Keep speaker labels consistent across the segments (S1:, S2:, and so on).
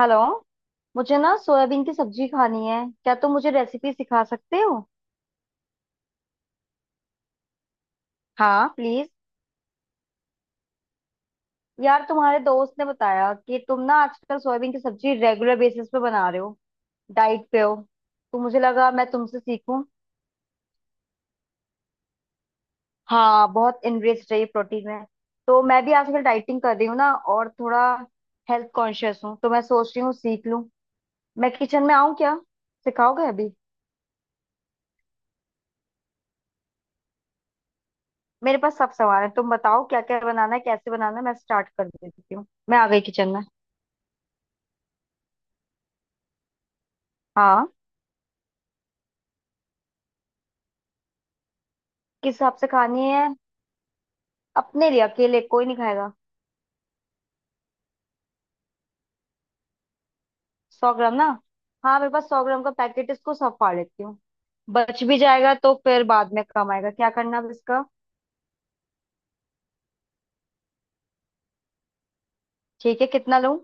S1: Hello. मुझे ना soybean की सब्जी खानी है। क्या तुम मुझे रेसिपी सिखा सकते हो? हाँ प्लीज। यार तुम्हारे दोस्त ने बताया कि तुम ना आजकल सोयाबीन की सब्जी रेगुलर बेसिस पे बना रहे हो, डाइट पे हो, तो मुझे लगा मैं तुमसे सीखूं। हाँ बहुत इनरिच रही प्रोटीन में। तो मैं भी आजकल डाइटिंग कर रही हूँ ना, और थोड़ा हेल्थ कॉन्शियस हूँ, तो मैं सोच रही हूँ सीख लूँ। मैं किचन में आऊँ क्या? सिखाओगे अभी? मेरे पास सब सामान है, तुम बताओ क्या क्या बनाना है, कैसे बनाना है, मैं स्टार्ट कर देती हूँ। मैं आ गई किचन में। हाँ, किस हिसाब से खानी है? अपने लिए, अकेले, कोई नहीं खाएगा। सौ ग्राम ना? हाँ मेरे पास 100 ग्राम का पैकेट है, इसको सब फाड़ लेती हूँ। बच भी जाएगा तो फिर बाद में काम आएगा, क्या करना अब इसका। ठीक है, कितना लूँ?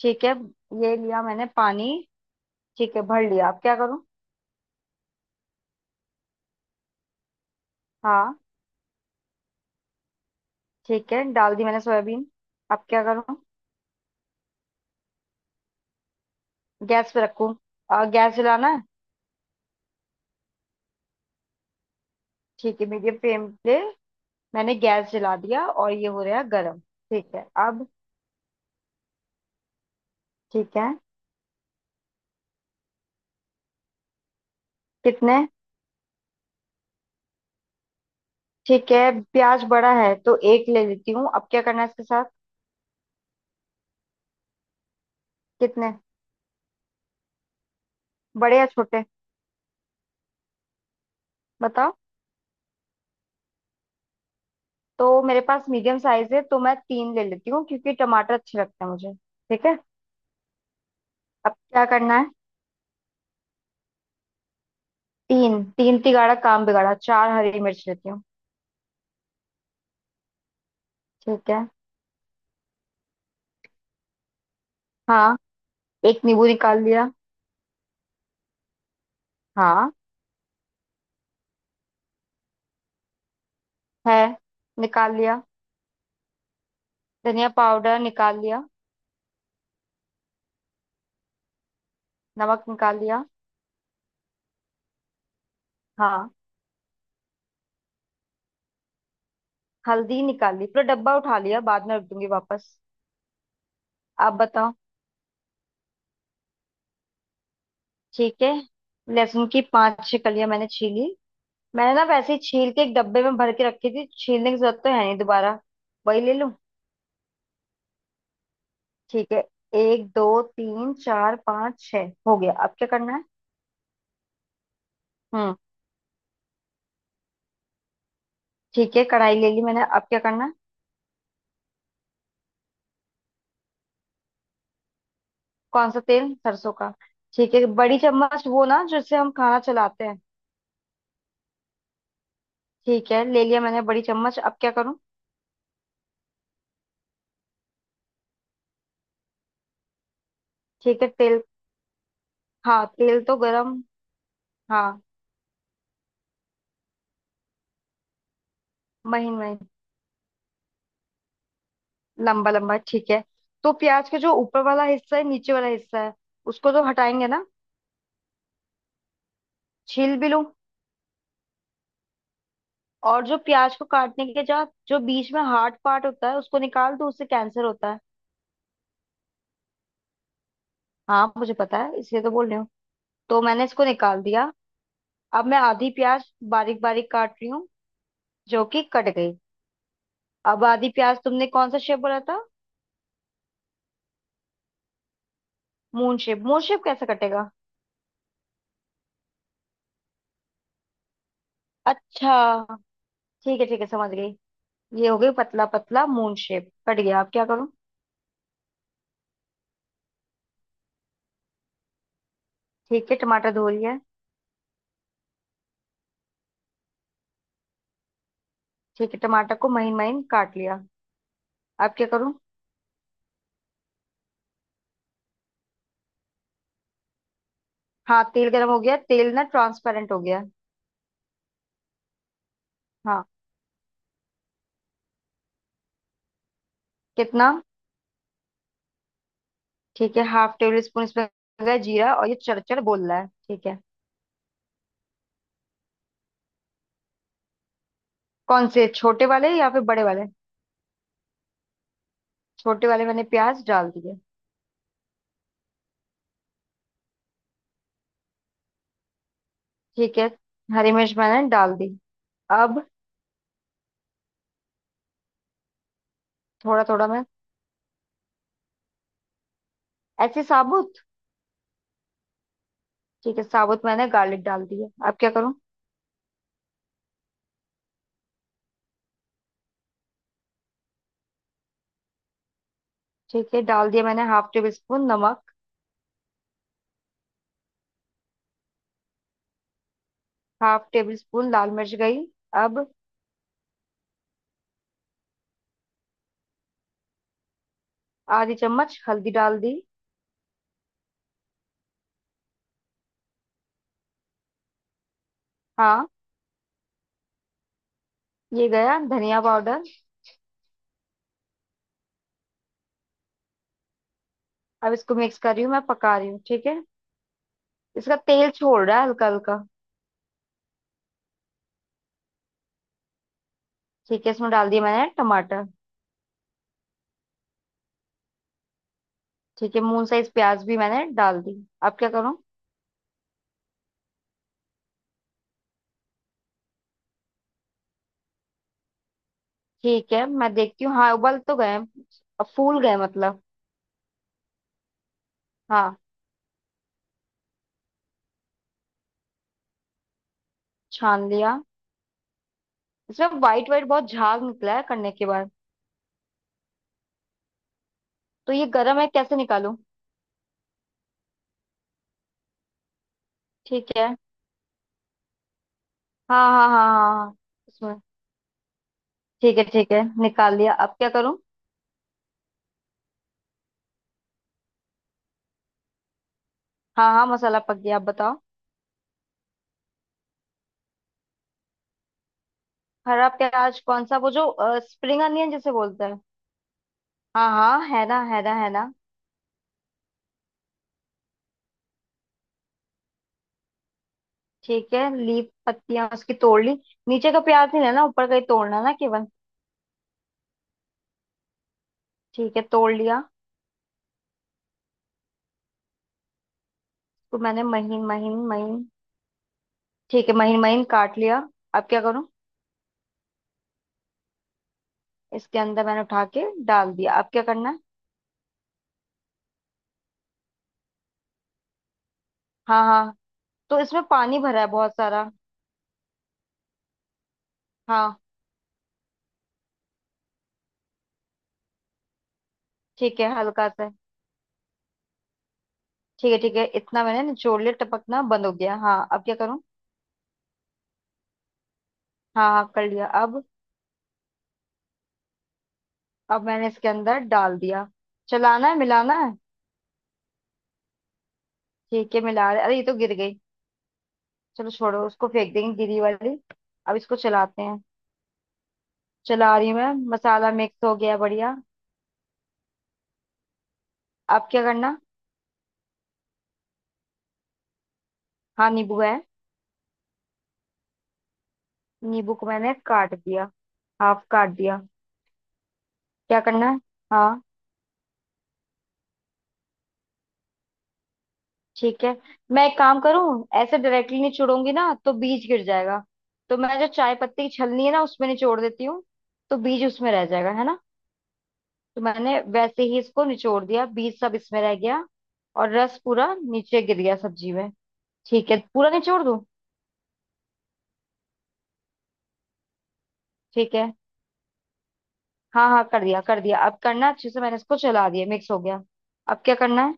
S1: ठीक है। ये लिया मैंने पानी। ठीक है भर लिया, अब क्या करूँ? हाँ ठीक है, डाल दी मैंने सोयाबीन, अब क्या करूँ? गैस पे रखूँ? गैस जलाना है? ठीक है, मीडियम फ्लेम पे मैंने गैस जला दिया और ये हो रहा है गर्म। ठीक है अब। ठीक है, कितने? ठीक है, प्याज बड़ा है तो एक ले लेती हूँ, अब क्या करना है इसके साथ? कितने? बड़े या छोटे? बताओ। तो मेरे पास मीडियम साइज है तो मैं तीन ले लेती हूँ, क्योंकि टमाटर अच्छे लगते हैं मुझे। ठीक है, अब क्या करना है? तीन तीन तिगाड़ा काम बिगाड़ा, चार हरी मिर्च लेती हूँ। ठीक है। हाँ, एक नींबू निकाल लिया। हाँ है, निकाल लिया। धनिया पाउडर निकाल लिया। नमक निकाल लिया। हाँ। हल्दी निकाल ली, पूरा डब्बा उठा लिया, बाद में रख दूंगी वापस। आप बताओ। ठीक है, लहसुन की पांच छह कलियां मैंने छीली। मैंने ना वैसे ही छील के एक डब्बे में भर के रखी थी, छीलने की जरूरत तो है नहीं दोबारा, वही ले लूं? ठीक है, एक दो तीन चार पाँच छह हो गया, अब क्या करना है? हम्म। ठीक है, कढ़ाई ले ली मैंने, अब क्या करना है? कौन सा तेल, सरसों का? ठीक है, बड़ी चम्मच वो ना जिससे हम खाना चलाते हैं? ठीक है, ले लिया मैंने बड़ी चम्मच, अब क्या करूं? ठीक है तेल। हाँ तेल तो गरम। हाँ। महीन महीन? लंबा लंबा ठीक है। तो प्याज का जो ऊपर वाला हिस्सा है, नीचे वाला हिस्सा है, उसको तो हटाएंगे ना? छील भी लूं? और जो प्याज को काटने के बाद जो बीच में हार्ड पार्ट होता है उसको निकाल दूं, उससे कैंसर होता है। हाँ मुझे पता है, इसलिए तो बोल रही हूँ, तो मैंने इसको निकाल दिया। अब मैं आधी प्याज बारीक बारीक काट रही हूँ, जो कि कट गई। अब आधी प्याज, तुमने कौन सा शेप बोला था? मून शेप, मून शेप कैसे कटेगा? अच्छा, ठीक है समझ गई। ये हो गई, पतला पतला मून शेप कट गया, अब क्या करूँ? ठीक है, टमाटर धो लिया। ठीक है, टमाटर को महीन महीन काट लिया, अब क्या करूं? हाँ तेल गर्म हो गया, तेल ना ट्रांसपेरेंट हो गया। हाँ। कितना? ठीक है, हाफ टेबल स्पून इसमें हो गया जीरा, और ये चरचर बोल रहा है, ठीक है। कौन से, छोटे वाले या फिर बड़े वाले? छोटे वाले मैंने प्याज डाल दिए। ठीक है, हरी मिर्च मैंने डाल दी, अब? थोड़ा थोड़ा मैं, ऐसे साबुत? ठीक है, साबुत मैंने गार्लिक डाल दिए, अब क्या करूं? ठीक है, डाल दिया मैंने हाफ टेबल स्पून नमक। हाफ टेबल स्पून लाल मिर्च गई, अब? आधी चम्मच हल्दी डाल दी। हाँ। ये गया धनिया पाउडर। अब इसको मिक्स कर रही हूँ मैं, पका रही हूँ ठीक है। इसका तेल छोड़ रहा है हल्का हल्का। ठीक है, इसमें डाल दिया मैंने टमाटर। ठीक है, मून साइज प्याज भी मैंने डाल दी, अब क्या करूँ? ठीक है मैं देखती हूँ। हाँ उबल तो गए, अब फूल गए मतलब। हाँ। छान लिया। इसमें वाइट वाइट बहुत झाग निकला है करने के बाद। तो ये गर्म है, कैसे निकालूं? ठीक है, हाँ हाँ हाँ हाँ हाँ। इसमें? ठीक है ठीक है, निकाल लिया, अब क्या करूँ? हाँ हाँ मसाला पक गया, अब बताओ। हरा प्याज, कौन सा, वो जो स्प्रिंग अनियन जिसे बोलते हैं? हाँ हाँ है ना, है ना, है ना। ठीक है, लीफ पत्तियां उसकी तोड़ ली। नीचे का प्याज नहीं लेना, ऊपर का ही तोड़ना ना केवल? ठीक है तोड़ लिया। तो मैंने महीन महीन महीन। ठीक है, महीन महीन काट लिया, अब क्या करूं? इसके अंदर मैंने उठा के डाल दिया, अब क्या करना है? हाँ हाँ। तो इसमें पानी भरा है बहुत सारा। हाँ। ठीक है हल्का सा। ठीक है ठीक है, इतना मैंने निचोड़ लिया, टपकना बंद हो गया। हाँ, अब क्या करूं? हाँ हाँ कर लिया, अब? अब मैंने इसके अंदर डाल दिया, चलाना है, मिलाना है? ठीक है मिला रहे, अरे ये तो गिर गई, चलो छोड़ो उसको, फेंक देंगे गिरी वाली। अब इसको चलाते हैं। चला रही हूँ मैं, मसाला मिक्स हो गया बढ़िया। अब क्या करना? हाँ नींबू है। नींबू को मैंने काट दिया। हाफ काट दिया। क्या करना है? हाँ। ठीक है, मैं एक काम करूँ, ऐसे डायरेक्टली निचोड़ूंगी ना तो बीज गिर जाएगा, तो मैं जो चाय पत्ती की छलनी है ना उसमें निचोड़ देती हूँ, तो बीज उसमें रह जाएगा, है ना? तो मैंने वैसे ही इसको निचोड़ दिया, बीज सब इसमें रह गया और रस पूरा नीचे गिर गया सब्जी में। ठीक है, पूरा निचोड़ दूं? ठीक है। हाँ हाँ कर दिया कर दिया, अब करना अच्छे से, मैंने इसको चला दिया, मिक्स हो गया। अब क्या करना है?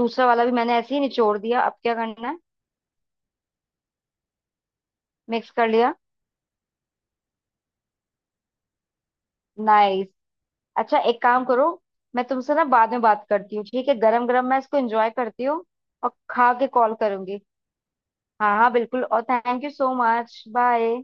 S1: दूसरा वाला भी मैंने ऐसे ही निचोड़ दिया, अब क्या करना है? मिक्स कर लिया। नाइस। अच्छा एक काम करो, मैं तुमसे ना बाद में बात करती हूँ, ठीक है, गरम गरम मैं इसको एंजॉय करती हूँ और खा के कॉल करूंगी। हाँ हाँ बिल्कुल, और thank you so much, bye.